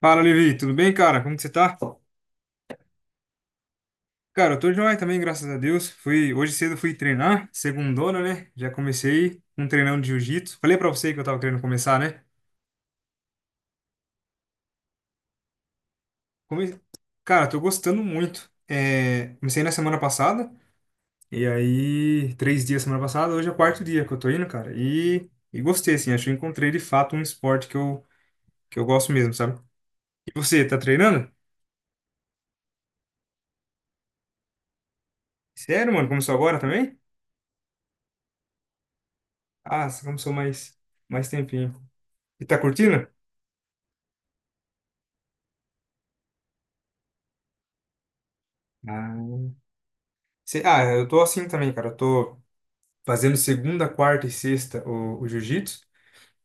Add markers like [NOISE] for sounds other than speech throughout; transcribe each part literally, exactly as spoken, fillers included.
Fala, Levi, tudo bem, cara? Como que você tá? Cara, eu tô joia também, graças a Deus. Fui, hoje cedo fui treinar, segundona, né? Já comecei um treinão de jiu-jitsu. Falei pra você que eu tava querendo começar, né? Come... Cara, tô gostando muito. É, Comecei na semana passada, e aí, três dias semana passada, hoje é o quarto dia que eu tô indo, cara. E, e gostei, assim, acho que eu encontrei de fato um esporte que eu, que eu gosto mesmo, sabe? E você, tá treinando? Sério, mano? Começou agora também? Ah, você começou mais, mais tempinho. E tá curtindo? Ah, Sei- Ah, eu tô assim também, cara. Eu tô fazendo segunda, quarta e sexta o, o jiu-jitsu.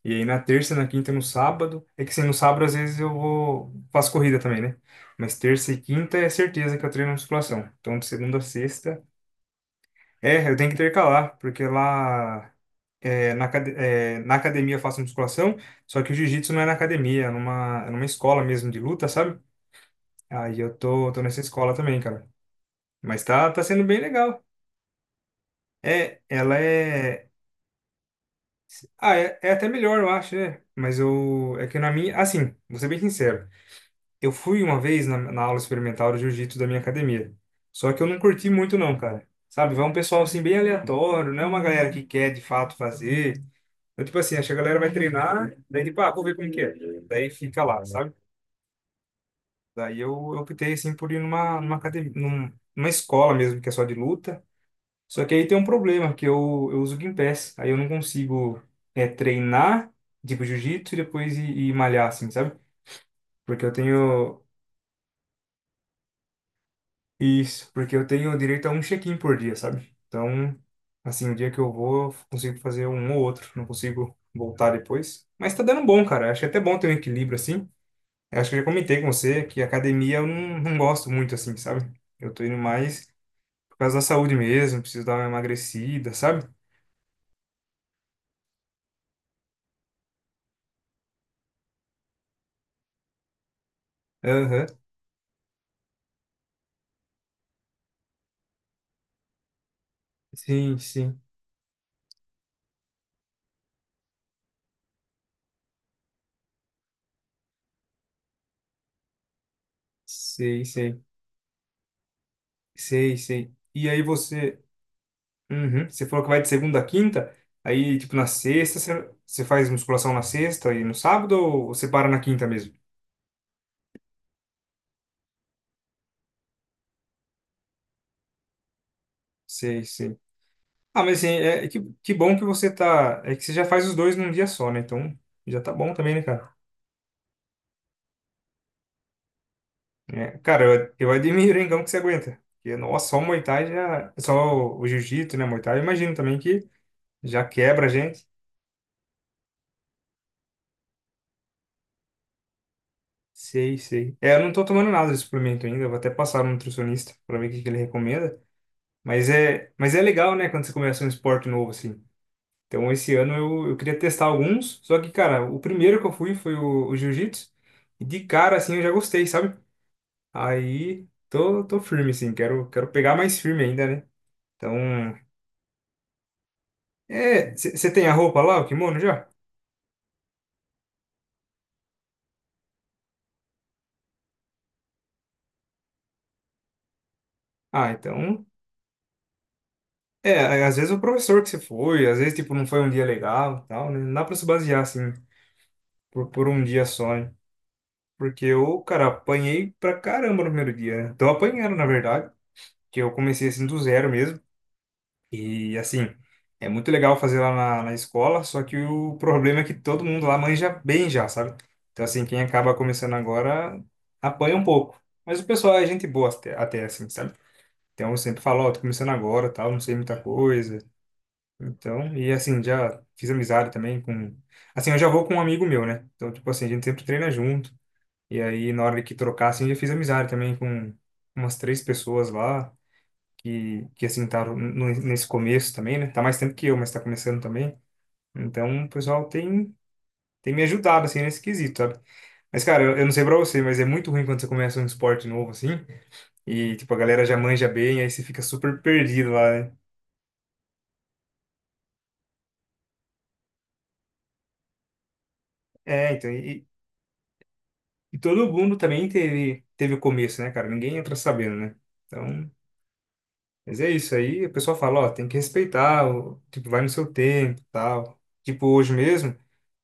E aí na terça, na quinta e no sábado. É que assim, no sábado às vezes eu vou. Faço corrida também, né? Mas terça e quinta é certeza que eu treino musculação. Então de segunda a sexta. É, eu tenho que intercalar, porque lá. É, na, acad- é, na academia eu faço musculação, só que o jiu-jitsu não é na academia, é numa, é numa escola mesmo de luta, sabe? Aí eu tô, tô nessa escola também, cara. Mas tá, tá sendo bem legal. É, ela é. Ah, é, é até melhor, eu acho, né? Mas eu. É que na minha. Assim, vou ser bem sincero. Eu fui uma vez na, na aula experimental de jiu-jitsu da minha academia. Só que eu não curti muito, não, cara. Sabe? Vai um pessoal assim, bem aleatório, não é uma galera que quer de fato fazer. Então, tipo assim, acho que a galera vai treinar, daí, tipo, ah, vou ver como que é. Daí fica lá, sabe? Daí eu, eu optei, assim, por ir numa, numa, academia, num- numa escola mesmo, que é só de luta. Só que aí tem um problema, que eu, eu uso o Gympass. Aí eu não consigo é, treinar, tipo, jiu-jitsu e depois ir, ir malhar, assim, sabe? Porque eu tenho... Isso, porque eu tenho direito a um check-in por dia, sabe? Então, assim, o dia que eu vou, eu consigo fazer um ou outro. Não consigo voltar depois. Mas tá dando bom, cara. Acho que é até bom ter um equilíbrio, assim. Eu acho que eu já comentei com você que academia eu não, não gosto muito, assim, sabe? Eu tô indo mais por causa da saúde mesmo, preciso dar uma emagrecida, sabe? Aham. Sim, sim. Sei, sei, sei, sei. E aí você, uhum. Você falou que vai de segunda a quinta, aí tipo na sexta você, você faz musculação na sexta e no sábado ou você para na quinta mesmo? Sei, sei. Ah, mas assim, é, é que, que bom que você tá, é que você já faz os dois num dia só, né? Então já tá bom também, né, cara? É, cara, eu, eu admiro, hein, como que você aguenta. Porque, nossa, só o Muay Thai já, só o, o Jiu-Jitsu, né, Muay Thai, eu imagino também que já quebra a gente. Sei, sei. É, eu não tô tomando nada de suplemento ainda, eu vou até passar no nutricionista para ver o que que ele recomenda. Mas é, mas é legal, né, quando você começa um esporte novo, assim. Então, esse ano eu, eu queria testar alguns, só que, cara, o primeiro que eu fui foi o, o jiu-jitsu, e de cara, assim, eu já gostei, sabe? Aí, tô, tô firme, assim, quero, quero pegar mais firme ainda, né? Então, é, você tem a roupa lá, o kimono já? Ah, então, é, às vezes o professor que você foi, às vezes, tipo, não foi um dia legal, e tal, né? Não dá pra se basear, assim, por, por um dia só, hein? Porque eu, cara, apanhei pra caramba no primeiro dia, né? Tô apanhando, na verdade, que eu comecei assim do zero mesmo. E assim, é muito legal fazer lá na, na escola, só que o problema é que todo mundo lá manja bem já, sabe? Então, assim, quem acaba começando agora apanha um pouco. Mas o pessoal é gente boa até, até assim, sabe? Então eu sempre falo, ó, tô começando agora, tal, não sei muita coisa. Então, e assim, já fiz amizade também com. Assim, eu já vou com um amigo meu, né? Então, tipo assim, a gente sempre treina junto. E aí, na hora que trocar, assim, já fiz amizade também com umas três pessoas lá, que, que assim, estavam nesse começo também, né? Tá mais tempo que eu, mas tá começando também. Então, o pessoal tem, tem me ajudado, assim, nesse quesito, sabe? Mas, cara, eu, eu não sei pra você, mas é muito ruim quando você começa um esporte novo, assim, e, tipo, a galera já manja bem, aí você fica super perdido lá, né? É, então, e, e todo mundo também teve, teve o começo, né, cara? Ninguém entra sabendo, né? Então, mas é isso aí, a pessoa fala, ó, tem que respeitar, o- tipo, vai no seu tempo, tal. Tipo, hoje mesmo,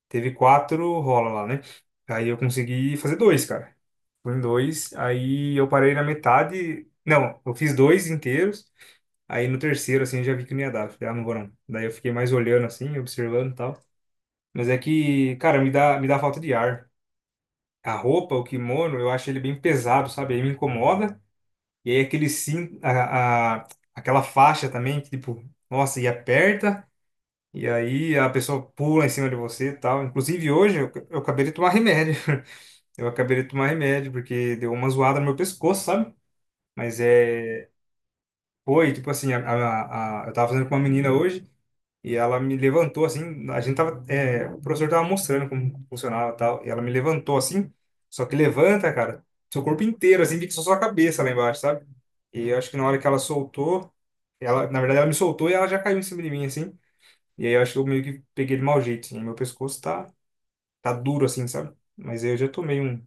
teve quatro rola lá, né? Aí eu consegui fazer dois, cara. Fui em dois, aí eu parei na metade. Não, eu fiz dois inteiros. Aí no terceiro, assim, eu já vi que não ia dar. Falei, ah, não vou não. Daí eu fiquei mais olhando, assim, observando e tal. Mas é que, cara, me dá, me dá falta de ar. A roupa, o kimono, eu acho ele bem pesado, sabe? Aí me incomoda. E aí aquele cinto, a, a- aquela faixa também, que tipo, nossa, e aperta, e aí a pessoa pula em cima de você e tal. Inclusive hoje eu, eu acabei de tomar remédio. [LAUGHS] Eu acabei de tomar remédio, porque deu uma zoada no meu pescoço, sabe? Mas é. Foi, tipo assim, a, a, a- eu tava fazendo com uma menina hoje. E ela me levantou assim, a gente tava, é, o professor tava mostrando como funcionava e tal, e ela me levantou assim, só que levanta, cara, seu corpo inteiro, assim, fica só sua cabeça lá embaixo, sabe? E eu acho que na hora que ela soltou, ela, na verdade ela me soltou e ela já caiu em cima de mim, assim, e aí eu acho que eu meio que peguei de mau jeito, assim, meu pescoço tá, tá duro, assim, sabe? Mas aí eu já tomei um,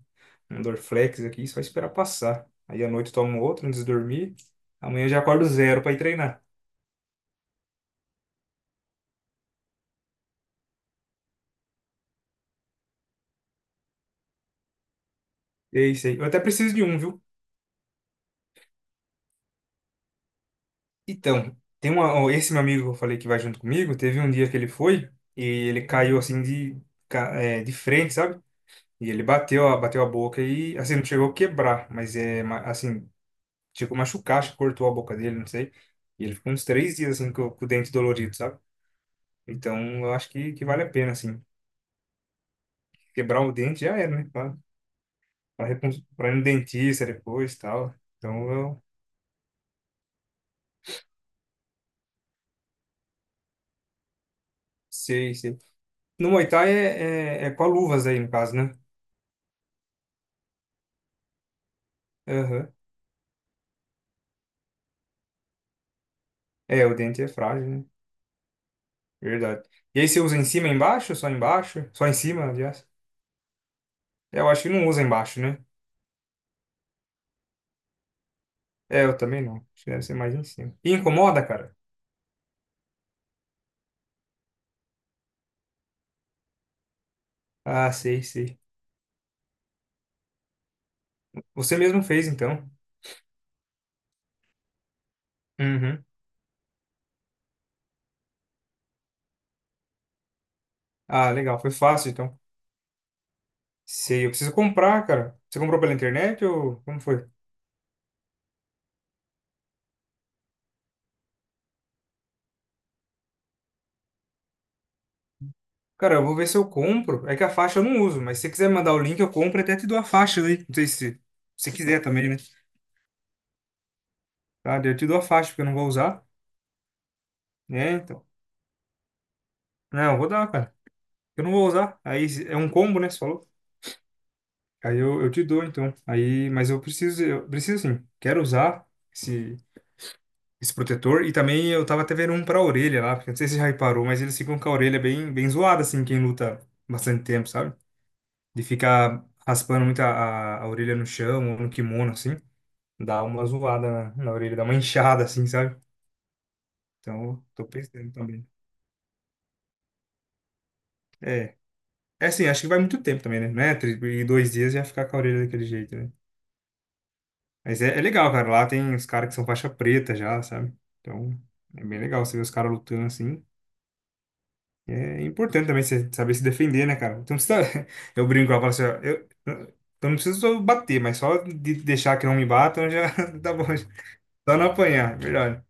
um Dorflex aqui, só esperar passar. Aí à noite eu tomo outro antes de dormir, amanhã eu já acordo zero pra ir treinar. É isso aí. Eu até preciso de um, viu? Então, tem uma, ó, esse meu amigo que eu falei que vai junto comigo, teve um dia que ele foi e ele caiu assim de, ca- é, de frente, sabe? E ele bateu, a- bateu a boca e, assim, não chegou a quebrar, mas é, ma- assim, chegou a machucar, acho que cortou a boca dele, não sei. E ele ficou uns três dias, assim, com, com o dente dolorido, sabe? Então, eu acho que, que vale a pena, assim. Quebrar o dente já era, né? Pra, pra, recon- pra ir no dentista depois e tal. Então, eu sei, sei. No Muay Thai é, é, é com a luvas aí, no caso, né? Aham. É, o dente é frágil, né? Verdade. E aí você usa em cima e embaixo? Só embaixo? Só em cima, aliás? É, Eu acho que não usa embaixo, né? É, eu também não. Acho que deve ser mais em cima. E incomoda, cara? Ah, sei, sei. Você mesmo fez, então. Uhum. Ah, legal. Foi fácil, então. Sei, eu preciso comprar, cara. Você comprou pela internet ou como foi? Cara, eu vou ver se eu compro. É que a faixa eu não uso, mas se você quiser mandar o link, eu compro e até te dou a faixa aí. Não sei se se você quiser também, né? Tá, daí eu te dou a faixa, porque eu não vou usar. É, então. Não, eu vou dar, cara. Eu não vou usar. Aí é um combo, né? Você falou? Aí eu, eu te dou, então. Aí, mas eu preciso, eu preciso sim. Quero usar esse, esse protetor. E também eu tava até vendo um pra orelha lá, porque eu não sei se você já reparou, mas eles ficam com a orelha bem, bem zoada, assim, quem luta bastante tempo, sabe? De ficar raspando muito a, a, a orelha no chão ou no kimono, assim. Dá uma zoada na, na orelha, dá uma inchada, assim, sabe? Então, eu tô pensando também. É. É assim, acho que vai muito tempo também, né? Não é? Tri- E dois dias já ficar com a orelha daquele jeito, né? Mas é, é legal, cara. Lá tem os caras que são faixa preta já, sabe? Então, é bem legal você ver os caras lutando assim. E É importante também você saber se defender, né, cara? Então, você tá... [LAUGHS] Eu brinco, eu falo assim, ó, eu, eu não preciso só bater, mas só de deixar que não me batam já [LAUGHS] tá bom. Já. Só não apanhar, é verdade.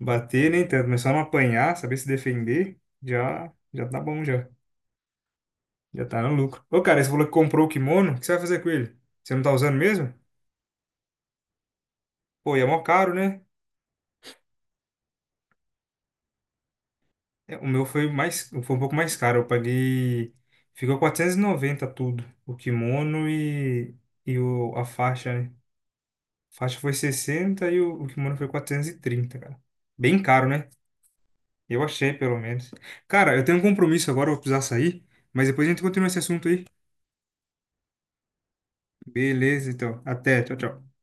Bater nem tanto, mas só não apanhar, saber se defender, já, já tá bom, já. Já tá no lucro. Ô, cara, você falou que comprou o kimono, o que você vai fazer com ele? Você não tá usando mesmo? Pô, e é mó caro, né? É, O meu foi mais, foi um pouco mais caro. Eu paguei. Ficou quatrocentos e noventa tudo. O kimono e, e o, a faixa, né? A faixa foi sessenta e o, o kimono foi quatrocentos e trinta cara. Bem caro, né? Eu achei, pelo menos. Cara, eu tenho um compromisso agora, eu vou precisar sair. Mas depois a gente continua esse assunto aí. Beleza, então. Até. Tchau, tchau.